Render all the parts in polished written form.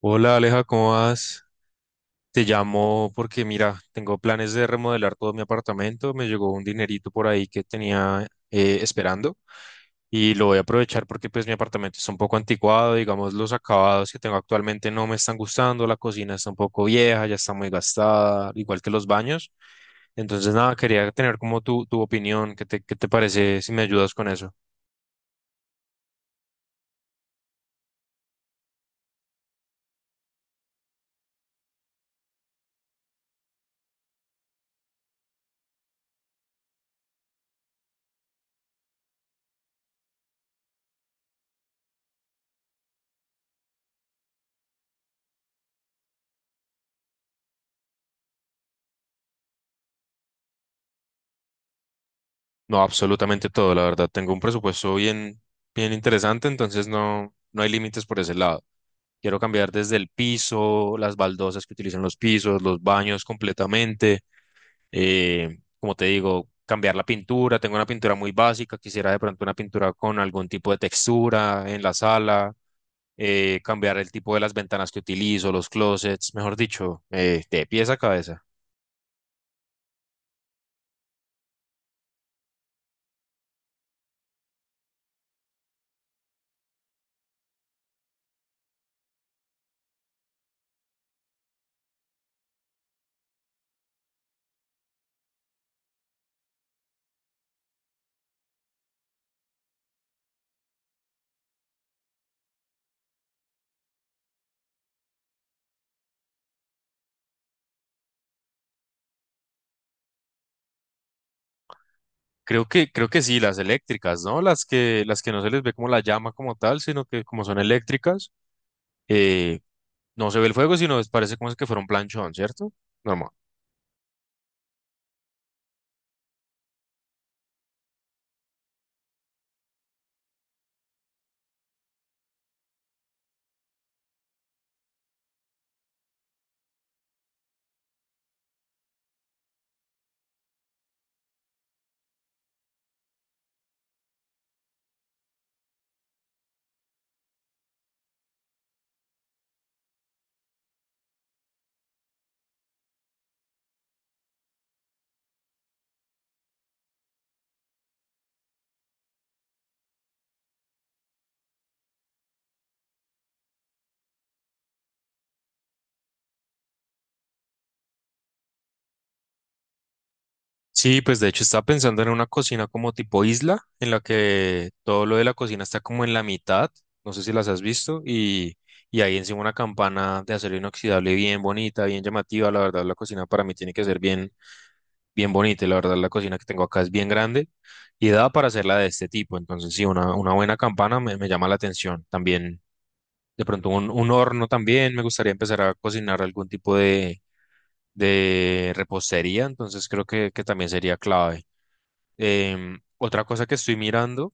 Hola Aleja, ¿cómo vas? Te llamo porque mira, tengo planes de remodelar todo mi apartamento. Me llegó un dinerito por ahí que tenía, esperando, y lo voy a aprovechar porque pues mi apartamento está un poco anticuado. Digamos, los acabados que tengo actualmente no me están gustando, la cocina está un poco vieja, ya está muy gastada, igual que los baños. Entonces nada, quería tener como tu opinión. Qué te parece si me ayudas con eso? No, absolutamente todo, la verdad. Tengo un presupuesto bien interesante, entonces no, no hay límites por ese lado. Quiero cambiar desde el piso, las baldosas que utilizan los pisos, los baños completamente. Como te digo, cambiar la pintura. Tengo una pintura muy básica. Quisiera de pronto una pintura con algún tipo de textura en la sala. Cambiar el tipo de las ventanas que utilizo, los closets, mejor dicho, de pies a cabeza. Creo que sí, las eléctricas, ¿no? Las que no se les ve como la llama como tal, sino que como son eléctricas, eh, no se ve el fuego, sino parece como es que fuera un planchón, ¿cierto? Normal. Sí, pues de hecho estaba pensando en una cocina como tipo isla, en la que todo lo de la cocina está como en la mitad, no sé si las has visto, y ahí encima una campana de acero inoxidable bien bonita, bien llamativa. La verdad, la cocina para mí tiene que ser bien bonita, y la verdad la cocina que tengo acá es bien grande y da para hacerla de este tipo. Entonces sí, una buena campana me llama la atención. También, de pronto, un horno también. Me gustaría empezar a cocinar algún tipo de repostería, entonces creo que también sería clave. Em, otra cosa que estoy mirando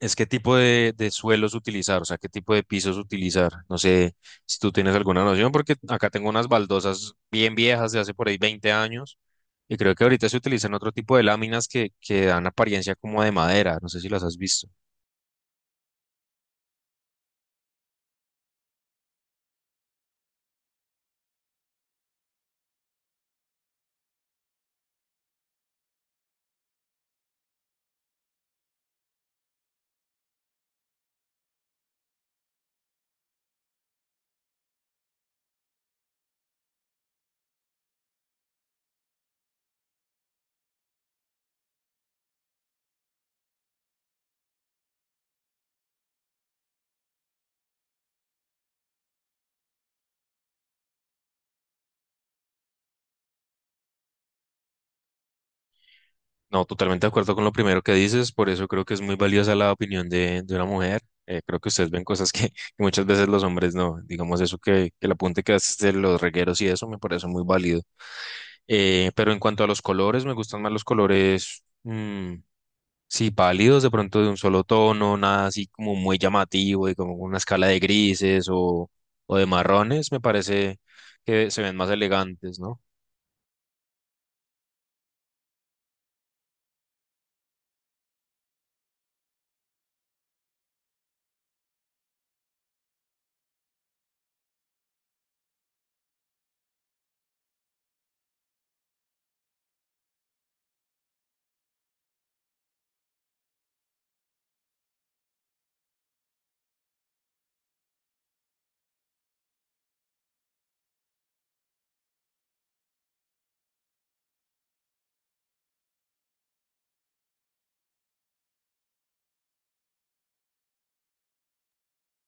es qué tipo de suelos utilizar, o sea, qué tipo de pisos utilizar. No sé si tú tienes alguna noción, porque acá tengo unas baldosas bien viejas de hace por ahí 20 años y creo que ahorita se utilizan otro tipo de láminas que dan apariencia como de madera. No sé si las has visto. No, totalmente de acuerdo con lo primero que dices. Por eso creo que es muy valiosa la opinión de una mujer. Creo que ustedes ven cosas que, que muchas veces los hombres no. Digamos, eso, que el apunte que haces de los regueros y eso me parece muy válido. Pero en cuanto a los colores, me gustan más los colores, mm, sí, pálidos, de pronto de un solo tono, nada así como muy llamativo, y como una escala de grises o de marrones. Me parece que se ven más elegantes, ¿no?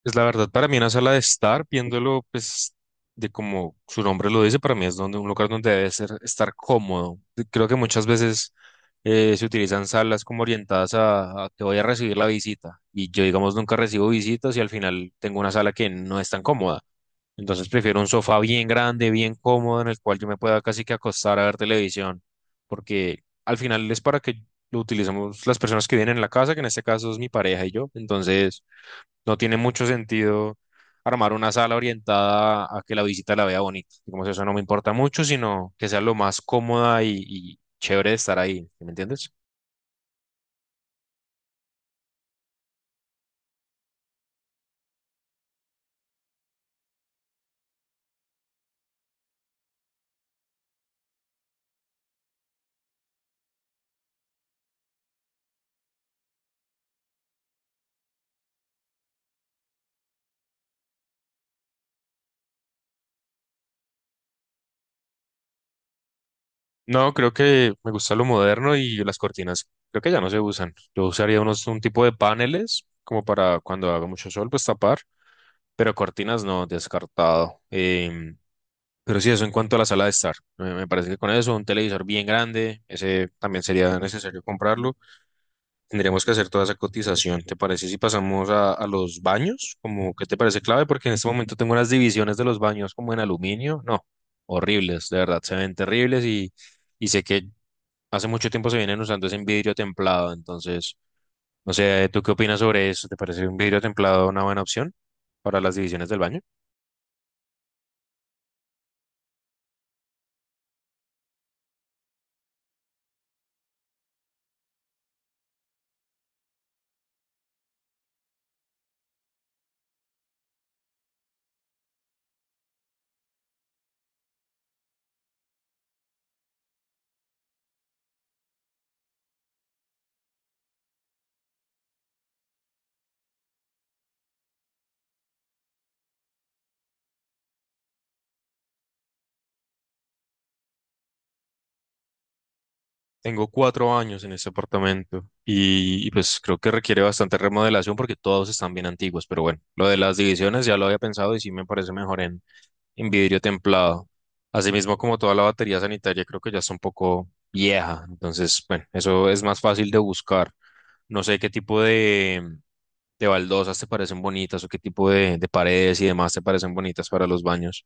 Pues la verdad, para mí una sala de estar, viéndolo pues de como su nombre lo dice, para mí es donde, un lugar donde debe ser, estar cómodo. Creo que muchas veces se utilizan salas como orientadas a que voy a recibir la visita. Y yo, digamos, nunca recibo visitas, y al final tengo una sala que no es tan cómoda. Entonces prefiero un sofá bien grande, bien cómodo, en el cual yo me pueda casi que acostar a ver televisión, porque al final es para que lo utilicemos las personas que vienen en la casa, que en este caso es mi pareja y yo. Entonces no tiene mucho sentido armar una sala orientada a que la visita la vea bonita. Digamos, eso no me importa mucho, sino que sea lo más cómoda y chévere de estar ahí, ¿sí? ¿Me entiendes? No, creo que me gusta lo moderno y las cortinas creo que ya no se usan. Yo usaría unos, un tipo de paneles como para cuando haga mucho sol, pues tapar, pero cortinas no, descartado. Em, pero sí, eso en cuanto a la sala de estar. Me parece que con eso, un televisor bien grande, ese también sería necesario comprarlo. Tendríamos que hacer toda esa cotización. ¿Te parece si pasamos a los baños? Como, ¿qué te parece clave? Porque en este momento tengo unas divisiones de los baños como en aluminio. No, horribles, de verdad, se ven terribles y... Y sé que hace mucho tiempo se vienen usando ese vidrio templado, entonces, no sé, ¿tú qué opinas sobre eso? ¿Te parece un vidrio templado una buena opción para las divisiones del baño? Tengo 4 años en este apartamento y pues creo que requiere bastante remodelación porque todos están bien antiguos, pero bueno, lo de las divisiones ya lo había pensado y sí me parece mejor en vidrio templado. Asimismo, como toda la batería sanitaria, creo que ya está un poco vieja, entonces bueno, eso es más fácil de buscar. No sé qué tipo de baldosas te parecen bonitas, o qué tipo de paredes y demás te parecen bonitas para los baños.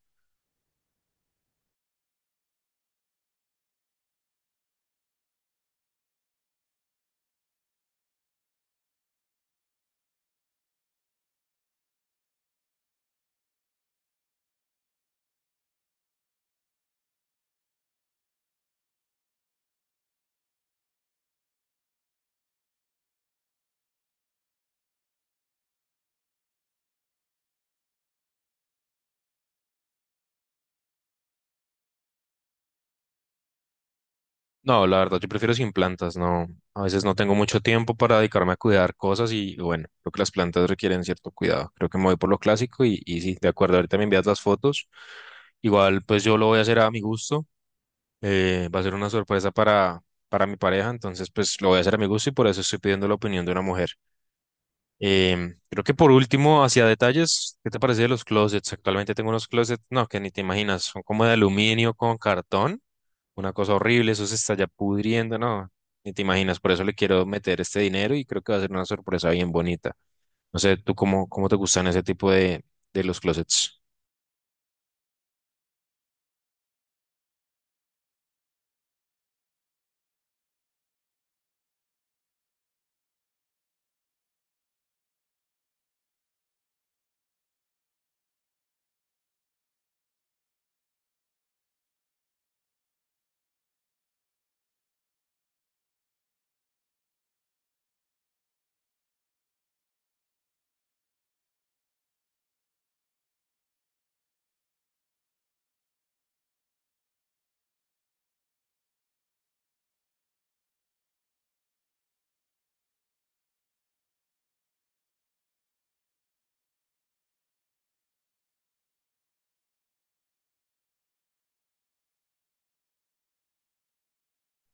No, la verdad, yo prefiero sin plantas, no. A veces no tengo mucho tiempo para dedicarme a cuidar cosas, y bueno, creo que las plantas requieren cierto cuidado. Creo que me voy por lo clásico y sí, de acuerdo, ahorita me envías las fotos. Igual, pues yo lo voy a hacer a mi gusto. Va a ser una sorpresa para mi pareja, entonces pues lo voy a hacer a mi gusto y por eso estoy pidiendo la opinión de una mujer. Em, creo que por último, hacia detalles, ¿qué te parece de los closets? Actualmente tengo unos closets, no, que ni te imaginas, son como de aluminio con cartón, una cosa horrible, eso se está ya pudriendo, no, ni te imaginas, por eso le quiero meter este dinero y creo que va a ser una sorpresa bien bonita. No sé, ¿tú cómo te gustan ese tipo de los closets?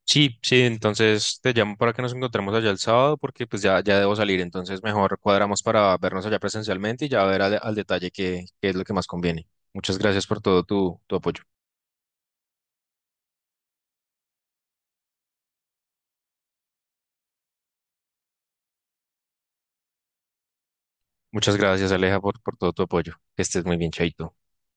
Sí, sí, entonces te llamo para que nos encontremos allá el sábado, porque pues ya, ya debo salir, entonces mejor cuadramos para vernos allá presencialmente y ya ver al, al detalle qué, qué es lo que más conviene. Muchas gracias por todo tu apoyo. Muchas gracias, Aleja, por todo tu apoyo. Que estés muy bien, chaito.